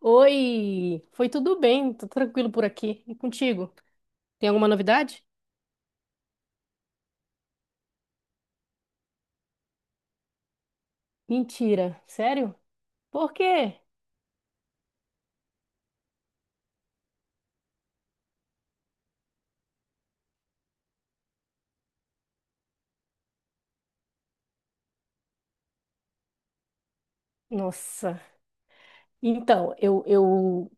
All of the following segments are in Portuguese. Oi, foi tudo bem, tô tranquilo por aqui. E contigo? Tem alguma novidade? Mentira, sério? Por quê? Nossa. Então, eu eu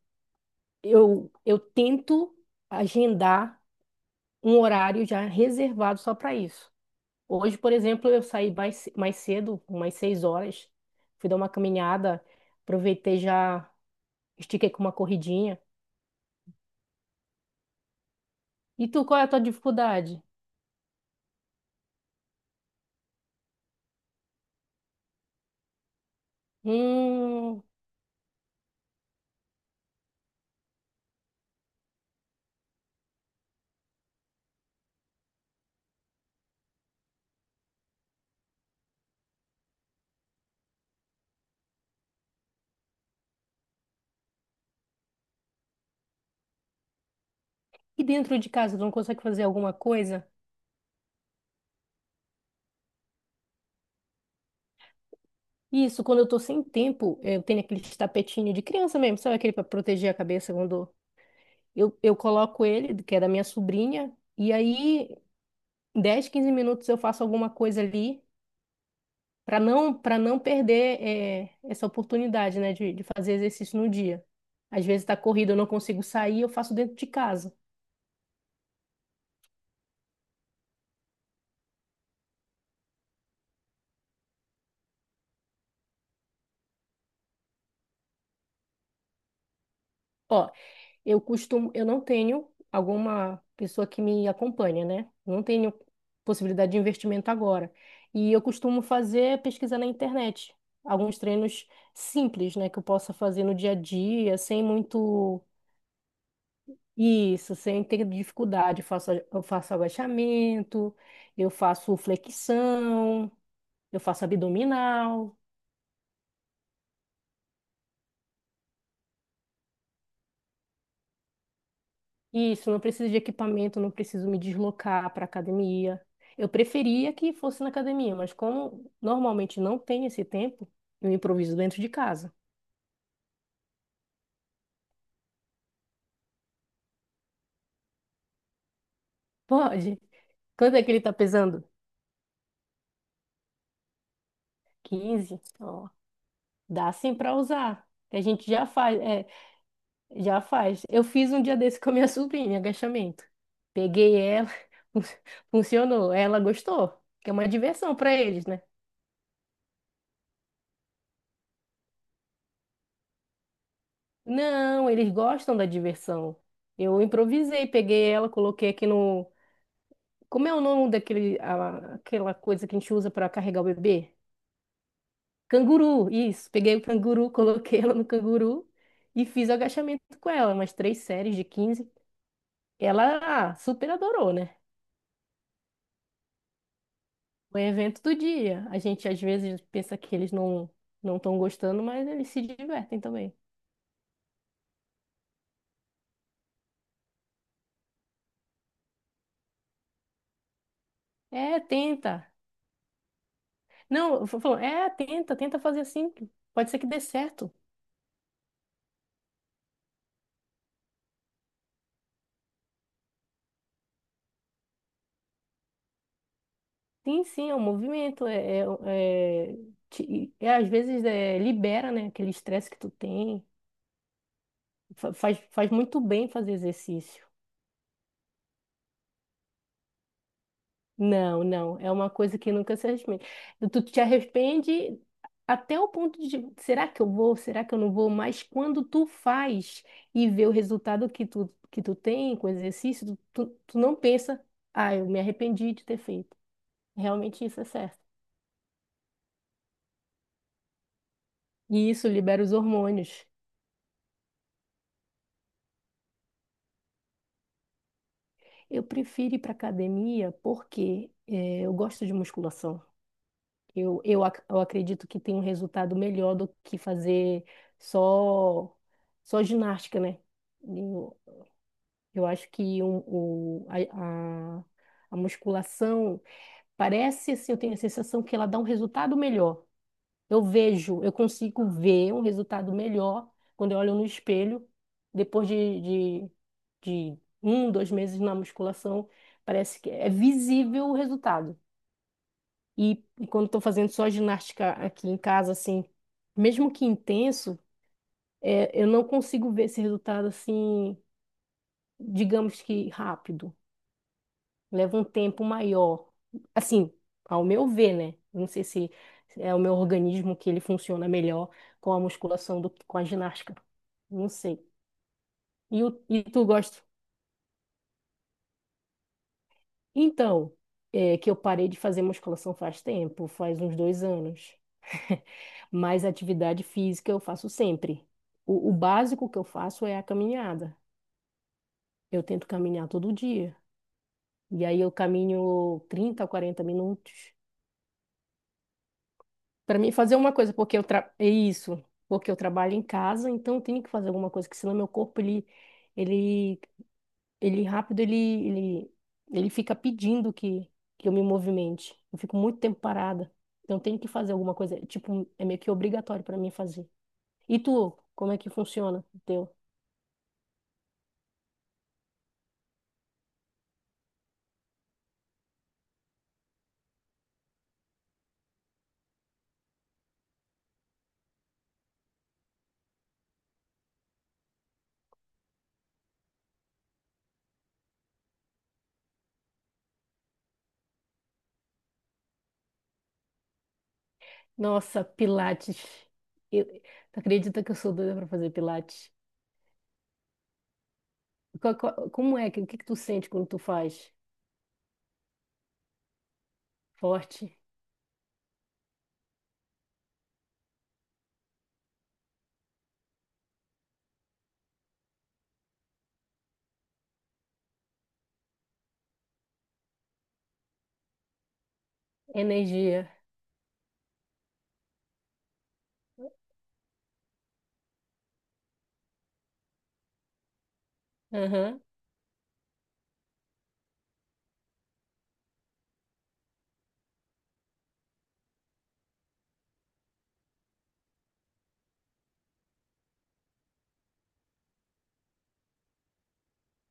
eu eu tento agendar um horário já reservado só para isso. Hoje, por exemplo, eu saí mais cedo, umas 6 horas, fui dar uma caminhada, aproveitei já, estiquei com uma corridinha. E tu, qual é a tua dificuldade? Hum, e dentro de casa, tu não consegue fazer alguma coisa? Isso, quando eu tô sem tempo, eu tenho aquele tapetinho de criança mesmo, sabe, aquele para proteger a cabeça quando eu coloco ele, que é da minha sobrinha, e aí em 10, 15 minutos eu faço alguma coisa ali para não perder, essa oportunidade, né, de fazer exercício no dia. Às vezes tá corrido, eu não consigo sair, eu faço dentro de casa. Ó, eu costumo, eu não tenho alguma pessoa que me acompanha, né? Não tenho possibilidade de investimento agora. E eu costumo fazer pesquisa na internet, alguns treinos simples, né, que eu possa fazer no dia a dia, sem muito isso, sem ter dificuldade. Eu faço agachamento, eu faço flexão, eu faço abdominal. Isso, não preciso de equipamento, não preciso me deslocar para academia. Eu preferia que fosse na academia, mas como normalmente não tem esse tempo, eu improviso dentro de casa. Pode. Quanto é que ele tá pesando? 15, ó, dá sim para usar. A gente já faz, é, já faz. Eu fiz um dia desse com a minha sobrinha, agachamento. Peguei ela, funcionou. Ela gostou, que é uma diversão para eles, né? Não, eles gostam da diversão. Eu improvisei, peguei ela, coloquei aqui no. Como é o nome daquele, aquela coisa que a gente usa para carregar o bebê? Canguru, isso. Peguei o canguru, coloquei ela no canguru e fiz o agachamento com ela, umas 3 séries de 15. Ela, super adorou, né? O evento do dia. A gente às vezes pensa que eles não não estão gostando, mas eles se divertem também. É, tenta. Não, eu falo, é, tenta, tenta fazer assim. Pode ser que dê certo. Sim, sim, é um movimento. Às vezes, libera, né, aquele estresse que tu tem. Faz muito bem fazer exercício. Não, não, é uma coisa que nunca se arrepende. Tu te arrepende até o ponto de, será que eu vou? Será que eu não vou? Mas quando tu faz e vê o resultado que tu tem com o exercício, tu não pensa, ah, eu me arrependi de ter feito. Realmente isso é certo. E isso libera os hormônios. Eu prefiro ir para academia porque eu gosto de musculação. Eu acredito que tem um resultado melhor do que fazer só, só ginástica, né? Eu, eu acho que a musculação parece assim, eu tenho a sensação que ela dá um resultado melhor. Eu vejo, eu consigo ver um resultado melhor quando eu olho no espelho, depois de um, 2 meses na musculação, parece que é visível o resultado. E quando estou fazendo só ginástica aqui em casa, assim, mesmo que intenso, é, eu não consigo ver esse resultado assim, digamos que rápido. Leva um tempo maior. Assim, ao meu ver, né? Não sei se é o meu organismo que ele funciona melhor com a musculação do que com a ginástica. Não sei. E tu gosta? Então, é que eu parei de fazer musculação faz tempo, faz uns 2 anos. Mas atividade física eu faço sempre. O básico que eu faço é a caminhada. Eu tento caminhar todo dia. E aí eu caminho 30 a 40 minutos. Para mim, fazer uma coisa, porque eu tra... é isso, porque eu trabalho em casa, então eu tenho que fazer alguma coisa, que senão meu corpo, ele, ele rápido, ele, ele, ele fica pedindo que eu me movimente. Eu fico muito tempo parada, então eu tenho que fazer alguma coisa, tipo, é meio que obrigatório para mim fazer. E tu, como é que funciona o teu? Nossa, Pilates. Eu... Tu acredita que eu sou doida para fazer Pilates? Qual- qual- Como é que, o que que tu sente quando tu faz? Forte, energia. Aham,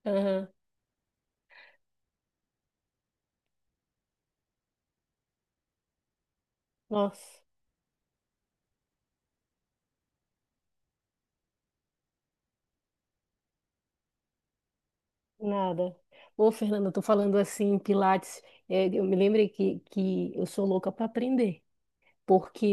aham. Nossa, nada. Ô, Fernanda, eu tô falando assim, Pilates, eu me lembrei que eu sou louca para aprender, porque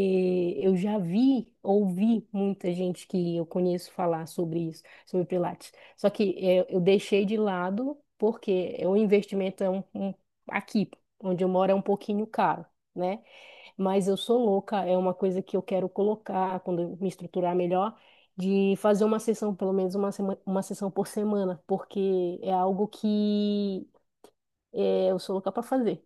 eu já vi, ouvi muita gente que eu conheço falar sobre isso, sobre Pilates. Só que eu deixei de lado, porque o investimento é um, aqui, onde eu moro, é um pouquinho caro, né? Mas eu sou louca, é uma coisa que eu quero colocar quando eu me estruturar melhor, de fazer uma sessão, pelo menos uma sessão por semana, porque é algo que eu sou louca para fazer.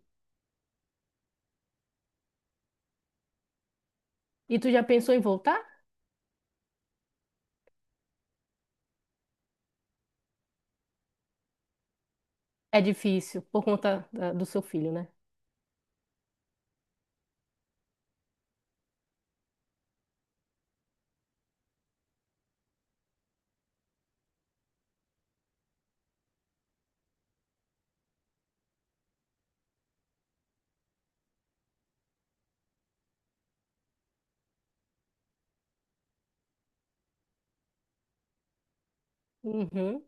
E tu já pensou em voltar? É difícil, por conta da- do seu filho, né? Uhum.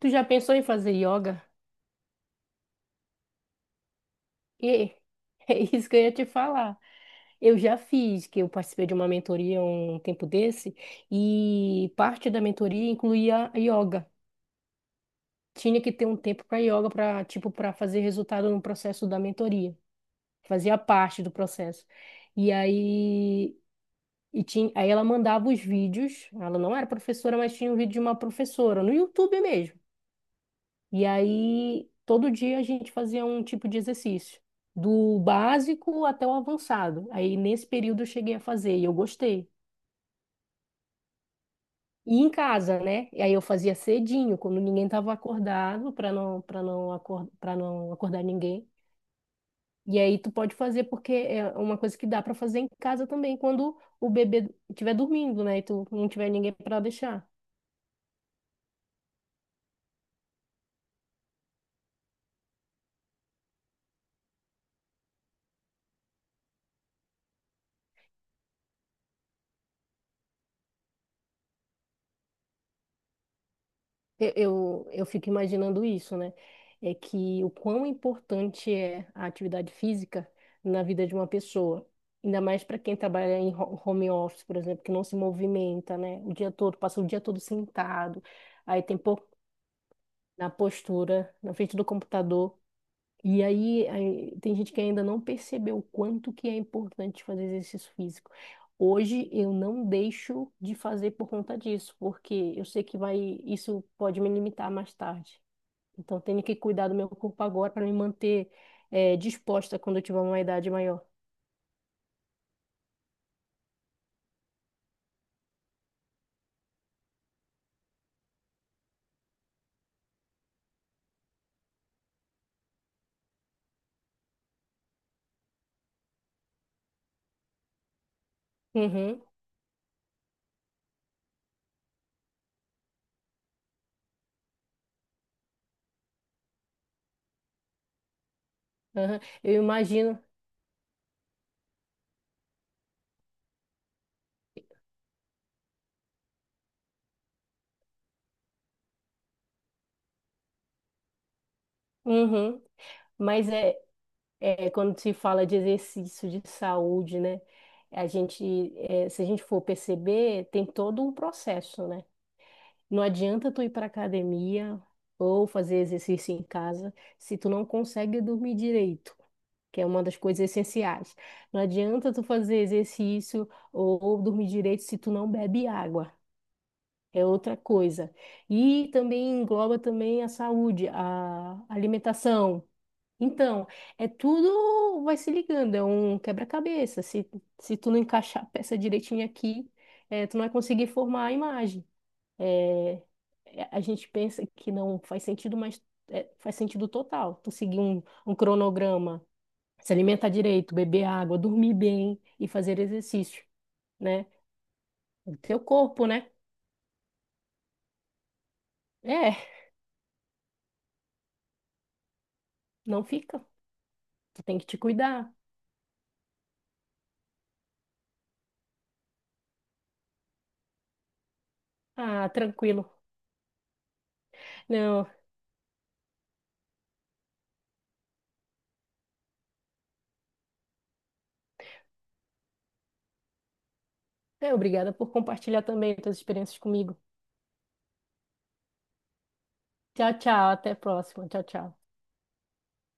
Tu já pensou em fazer yoga? E é isso que eu ia te falar. Eu já fiz, que eu participei de uma mentoria um tempo desse, e parte da mentoria incluía yoga. Tinha que ter um tempo para yoga para, tipo, para fazer resultado no processo da mentoria, fazia parte do processo. E aí e tinha, aí ela mandava os vídeos, ela não era professora, mas tinha um vídeo de uma professora no YouTube mesmo. E aí todo dia a gente fazia um tipo de exercício, do básico até o avançado. Aí nesse período eu cheguei a fazer, e eu gostei. E em casa, né? E aí eu fazia cedinho, quando ninguém estava acordado, para não acordar ninguém. E aí tu pode fazer, porque é uma coisa que dá para fazer em casa também quando o bebê estiver dormindo, né? E tu não tiver ninguém para deixar. Eu fico imaginando isso, né? É que o quão importante é a atividade física na vida de uma pessoa. Ainda mais para quem trabalha em home office, por exemplo, que não se movimenta, né? O dia todo, passa o dia todo sentado, aí tem pouco, na postura, na frente do computador. E aí, tem gente que ainda não percebeu o quanto que é importante fazer exercício físico. Hoje eu não deixo de fazer por conta disso, porque eu sei que vai, isso pode me limitar mais tarde. Então eu tenho que cuidar do meu corpo agora para me manter, disposta quando eu tiver uma idade maior. Uhum, uhum. Eu imagino. Uhum. Mas é, é quando se fala de exercício, de saúde, né? A gente, se a gente for perceber, tem todo um processo, né? Não adianta tu ir para academia ou fazer exercício em casa se tu não consegue dormir direito, que é uma das coisas essenciais. Não adianta tu fazer exercício ou dormir direito se tu não bebe água. É outra coisa. E também engloba também a saúde, a alimentação. Então, tudo vai se ligando, é um quebra-cabeça. Se tu não encaixar a peça direitinho aqui, tu não vai conseguir formar a imagem. É, é, a gente pensa que não faz sentido, mas faz sentido total. Tu seguir um, cronograma, se alimentar direito, beber água, dormir bem e fazer exercício, né? O teu corpo, né? É, não fica. Tu tem que te cuidar. Ah, tranquilo. Não, obrigada por compartilhar também tuas experiências comigo. Tchau, tchau. Até a próxima. Tchau, tchau.